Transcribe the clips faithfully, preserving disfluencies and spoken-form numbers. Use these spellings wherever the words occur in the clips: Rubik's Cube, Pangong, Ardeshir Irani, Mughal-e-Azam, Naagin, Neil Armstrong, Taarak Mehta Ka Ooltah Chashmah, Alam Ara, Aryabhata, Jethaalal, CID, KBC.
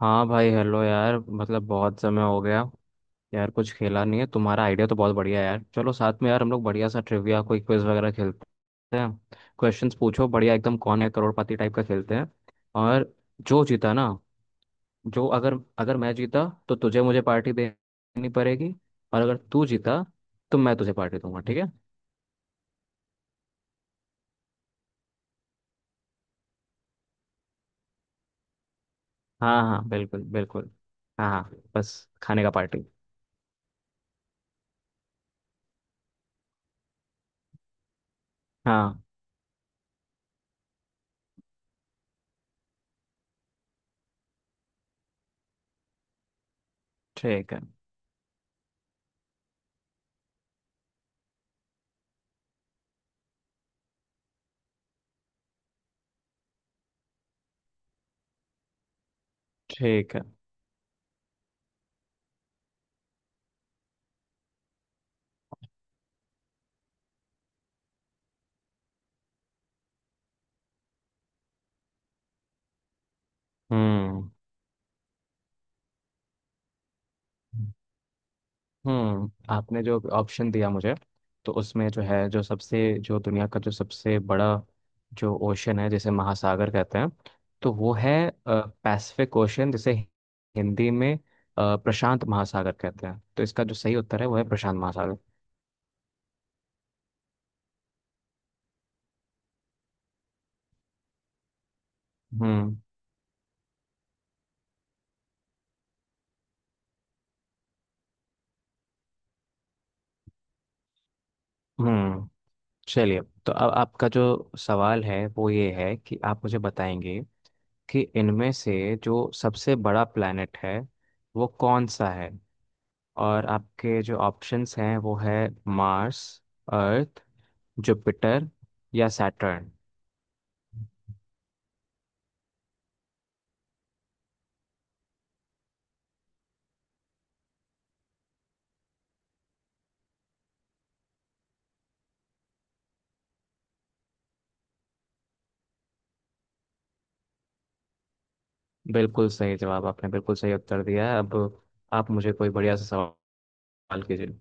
हाँ भाई। हेलो यार, मतलब बहुत समय हो गया यार, कुछ खेला नहीं है। तुम्हारा आइडिया तो बहुत बढ़िया है यार। चलो साथ में यार हम लोग बढ़िया सा ट्रिविया कोई क्विज वगैरह खेलते हैं। क्वेश्चंस पूछो, बढ़िया एकदम कौन है करोड़पति टाइप का खेलते हैं। और जो जीता ना, जो अगर अगर मैं जीता तो तुझे मुझे पार्टी देनी पड़ेगी, और अगर तू जीता तो मैं तुझे पार्टी दूंगा। ठीक है? हाँ हाँ, बिल्कुल बिल्कुल। हाँ हाँ, बस खाने का पार्टी। हाँ, ठीक है ठीक है। हम्म। हम्म, आपने जो ऑप्शन दिया मुझे, तो उसमें जो है जो सबसे जो दुनिया का जो सबसे बड़ा जो ओशन है जिसे महासागर कहते हैं, तो वो है पैसिफिक ओशन, जिसे हिंदी में अ, प्रशांत महासागर कहते हैं। तो इसका जो सही उत्तर है वो है प्रशांत महासागर। हम्म। हम्म, चलिए। तो अब आपका जो सवाल है वो ये है कि आप मुझे बताएंगे कि इनमें से जो सबसे बड़ा प्लैनेट है वो कौन सा है, और आपके जो ऑप्शंस हैं वो है मार्स, अर्थ, जुपिटर या सैटर्न। बिल्कुल सही जवाब, आपने बिल्कुल सही उत्तर दिया है। अब आप मुझे कोई बढ़िया सा सवाल कीजिए।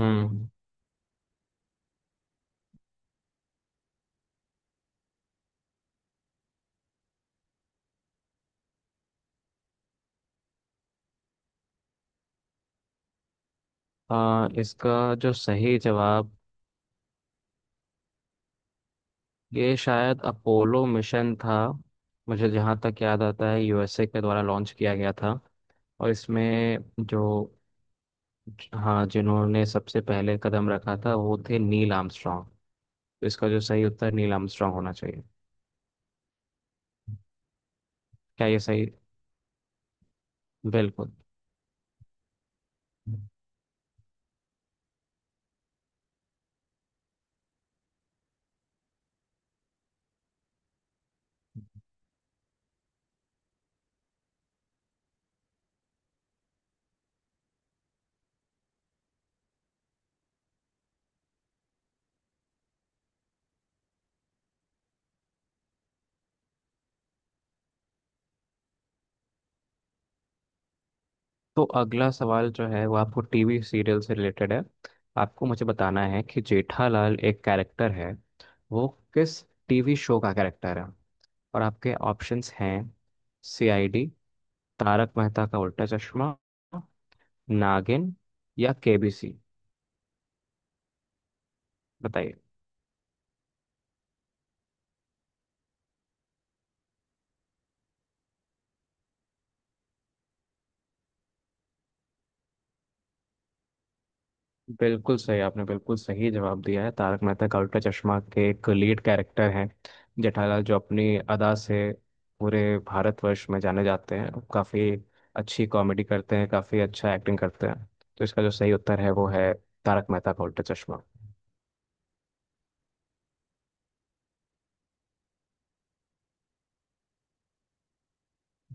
हम्म। आ, इसका जो सही जवाब ये शायद अपोलो मिशन था, मुझे जहाँ तक याद आता है यूएसए के द्वारा लॉन्च किया गया था। और इसमें जो, हाँ, जिन्होंने सबसे पहले कदम रखा था वो थे नील आर्मस्ट्रॉन्ग, तो इसका जो सही उत्तर नील आर्मस्ट्रॉन्ग होना चाहिए। क्या ये सही? बिल्कुल। तो अगला सवाल जो है वो आपको टीवी सीरियल से रिलेटेड है। आपको मुझे बताना है कि जेठालाल एक कैरेक्टर है, वो किस टीवी शो का कैरेक्टर है, और आपके ऑप्शंस हैं सीआईडी, तारक मेहता का उल्टा चश्मा, नागिन या केबीसी। बताइए। बिल्कुल सही, आपने बिल्कुल सही जवाब दिया है। तारक मेहता का उल्टा चश्मा के एक लीड कैरेक्टर हैं जेठालाल, जो अपनी अदा से पूरे भारतवर्ष में जाने जाते हैं, काफ़ी अच्छी कॉमेडी करते हैं, काफ़ी अच्छा एक्टिंग करते हैं। तो इसका जो सही उत्तर है वो है तारक मेहता का उल्टा चश्मा।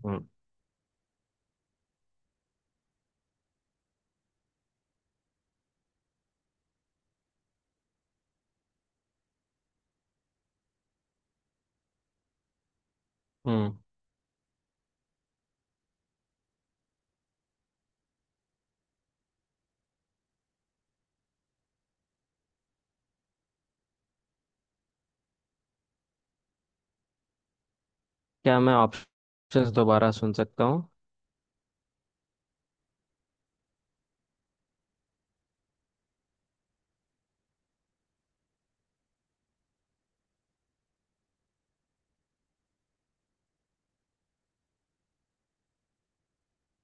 हम्म। हम्म, क्या मैं ऑप्शंस दोबारा सुन सकता हूँ?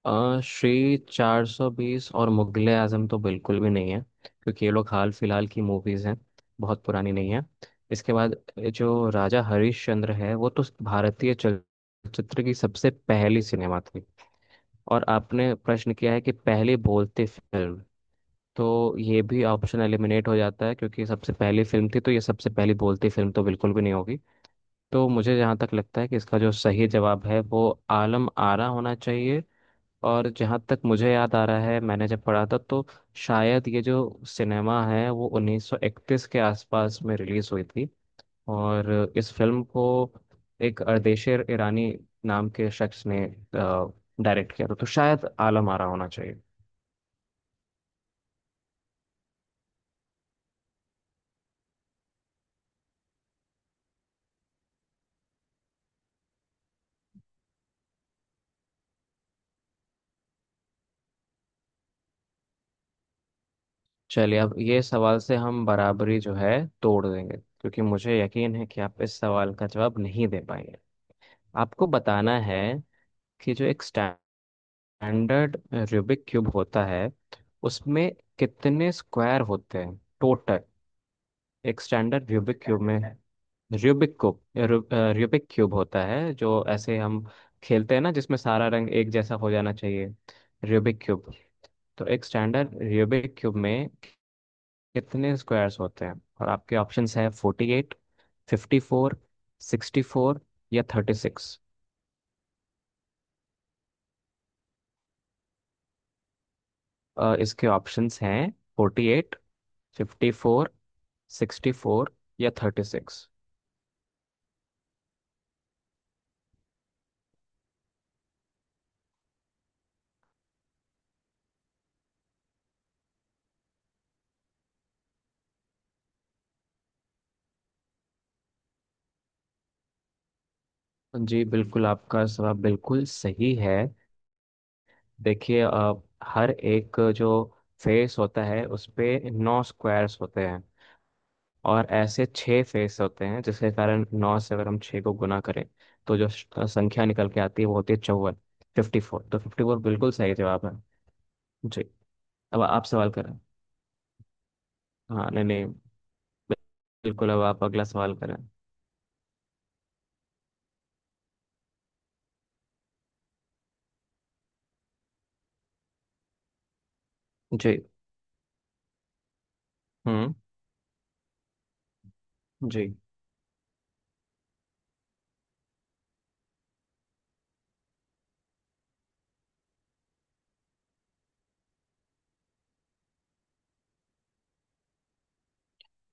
अ, श्री चार सौ बीस और मुगले आजम तो बिल्कुल भी नहीं है, क्योंकि ये लोग हाल फिलहाल की मूवीज़ हैं, बहुत पुरानी नहीं है। इसके बाद जो राजा हरिश्चंद्र है वो तो भारतीय चलचित्र की सबसे पहली सिनेमा थी, और आपने प्रश्न किया है कि पहली बोलती फिल्म, तो ये भी ऑप्शन एलिमिनेट हो जाता है क्योंकि सबसे पहली फिल्म थी तो ये सबसे पहली बोलती फिल्म तो बिल्कुल भी नहीं होगी। तो मुझे जहाँ तक लगता है कि इसका जो सही जवाब है वो आलम आरा होना चाहिए। और जहाँ तक मुझे याद आ रहा है, मैंने जब पढ़ा था तो शायद ये जो सिनेमा है वो उन्नीस सौ इकतीस के आसपास में रिलीज हुई थी। और इस फिल्म को एक अर्देशीर ईरानी नाम के शख्स ने डायरेक्ट किया था, तो शायद आलम आरा होना चाहिए। चलिए अब ये सवाल से हम बराबरी जो है तोड़ देंगे, क्योंकि मुझे यकीन है कि आप इस सवाल का जवाब नहीं दे पाएंगे। आपको बताना है कि जो एक स्टैंड स्टैंडर्ड रूबिक क्यूब होता है उसमें कितने स्क्वायर होते हैं टोटल। एक स्टैंडर्ड रूबिक क्यूब में, रूबिक क्यूब रू, रूबिक क्यूब होता है जो ऐसे हम खेलते हैं ना, जिसमें सारा रंग एक जैसा हो जाना चाहिए। Rubik cube. तो एक स्टैंडर्ड रूबिक क्यूब में कितने स्क्वायर्स होते हैं, और आपके ऑप्शंस है forty eight, fifty four, sixty four या थर्टी सिक्स। इसके ऑप्शंस हैं forty eight, fifty four, sixty four या थर्टी सिक्स। जी बिल्कुल, आपका जवाब बिल्कुल सही है। देखिए, अ, हर एक जो फेस होता है उस पे नौ स्क्वायर्स होते हैं, और ऐसे छः फेस होते हैं, जिसके कारण नौ से अगर हम छः को गुना करें तो जो श- संख्या निकल के आती है वो होती है चौवन, फिफ्टी फोर। तो फिफ्टी फोर बिल्कुल सही जवाब है। जी, अब आप सवाल करें। हाँ नहीं नहीं, बिल्कुल अब आप अगला सवाल करें। जी। हम्म। जी।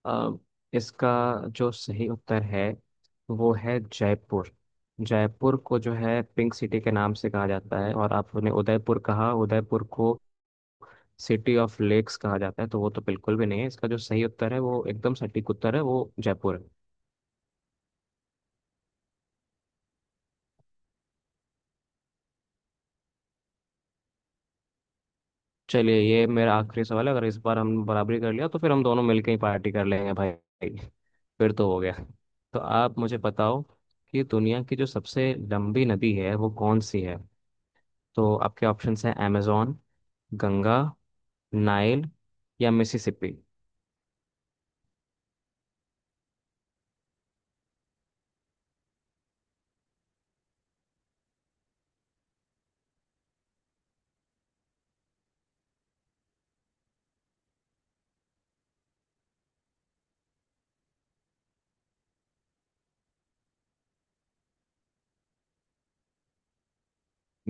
अ, इसका जो सही उत्तर है वो है जयपुर। जयपुर को जो है पिंक सिटी के नाम से कहा जाता है, और आपने उदयपुर कहा, उदयपुर को सिटी ऑफ लेक्स कहा जाता है तो वो तो बिल्कुल भी नहीं है। इसका जो सही उत्तर है वो एकदम सटीक उत्तर है, वो जयपुर है। चलिए ये मेरा आखिरी सवाल है, अगर इस बार हम बराबरी कर लिया तो फिर हम दोनों मिलके ही पार्टी कर लेंगे भाई। फिर तो हो गया। तो आप मुझे बताओ कि दुनिया की जो सबसे लंबी नदी है वो कौन सी है, तो आपके ऑप्शंस हैं amazon, गंगा, नाइल या मिसिसिपी।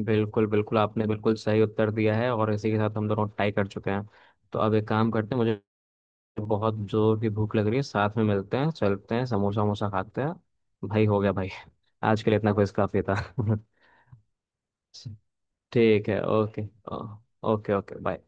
बिल्कुल बिल्कुल, आपने बिल्कुल सही उत्तर दिया है, और इसी के साथ हम दोनों टाई कर चुके हैं। तो अब एक काम करते हैं, मुझे बहुत जोर की भूख लग रही है, साथ में मिलते हैं, चलते हैं, समोसा वमोसा खाते हैं। भाई हो गया भाई, आज के लिए इतना कुछ काफी था। ठीक है, ओके। Okay okay bye.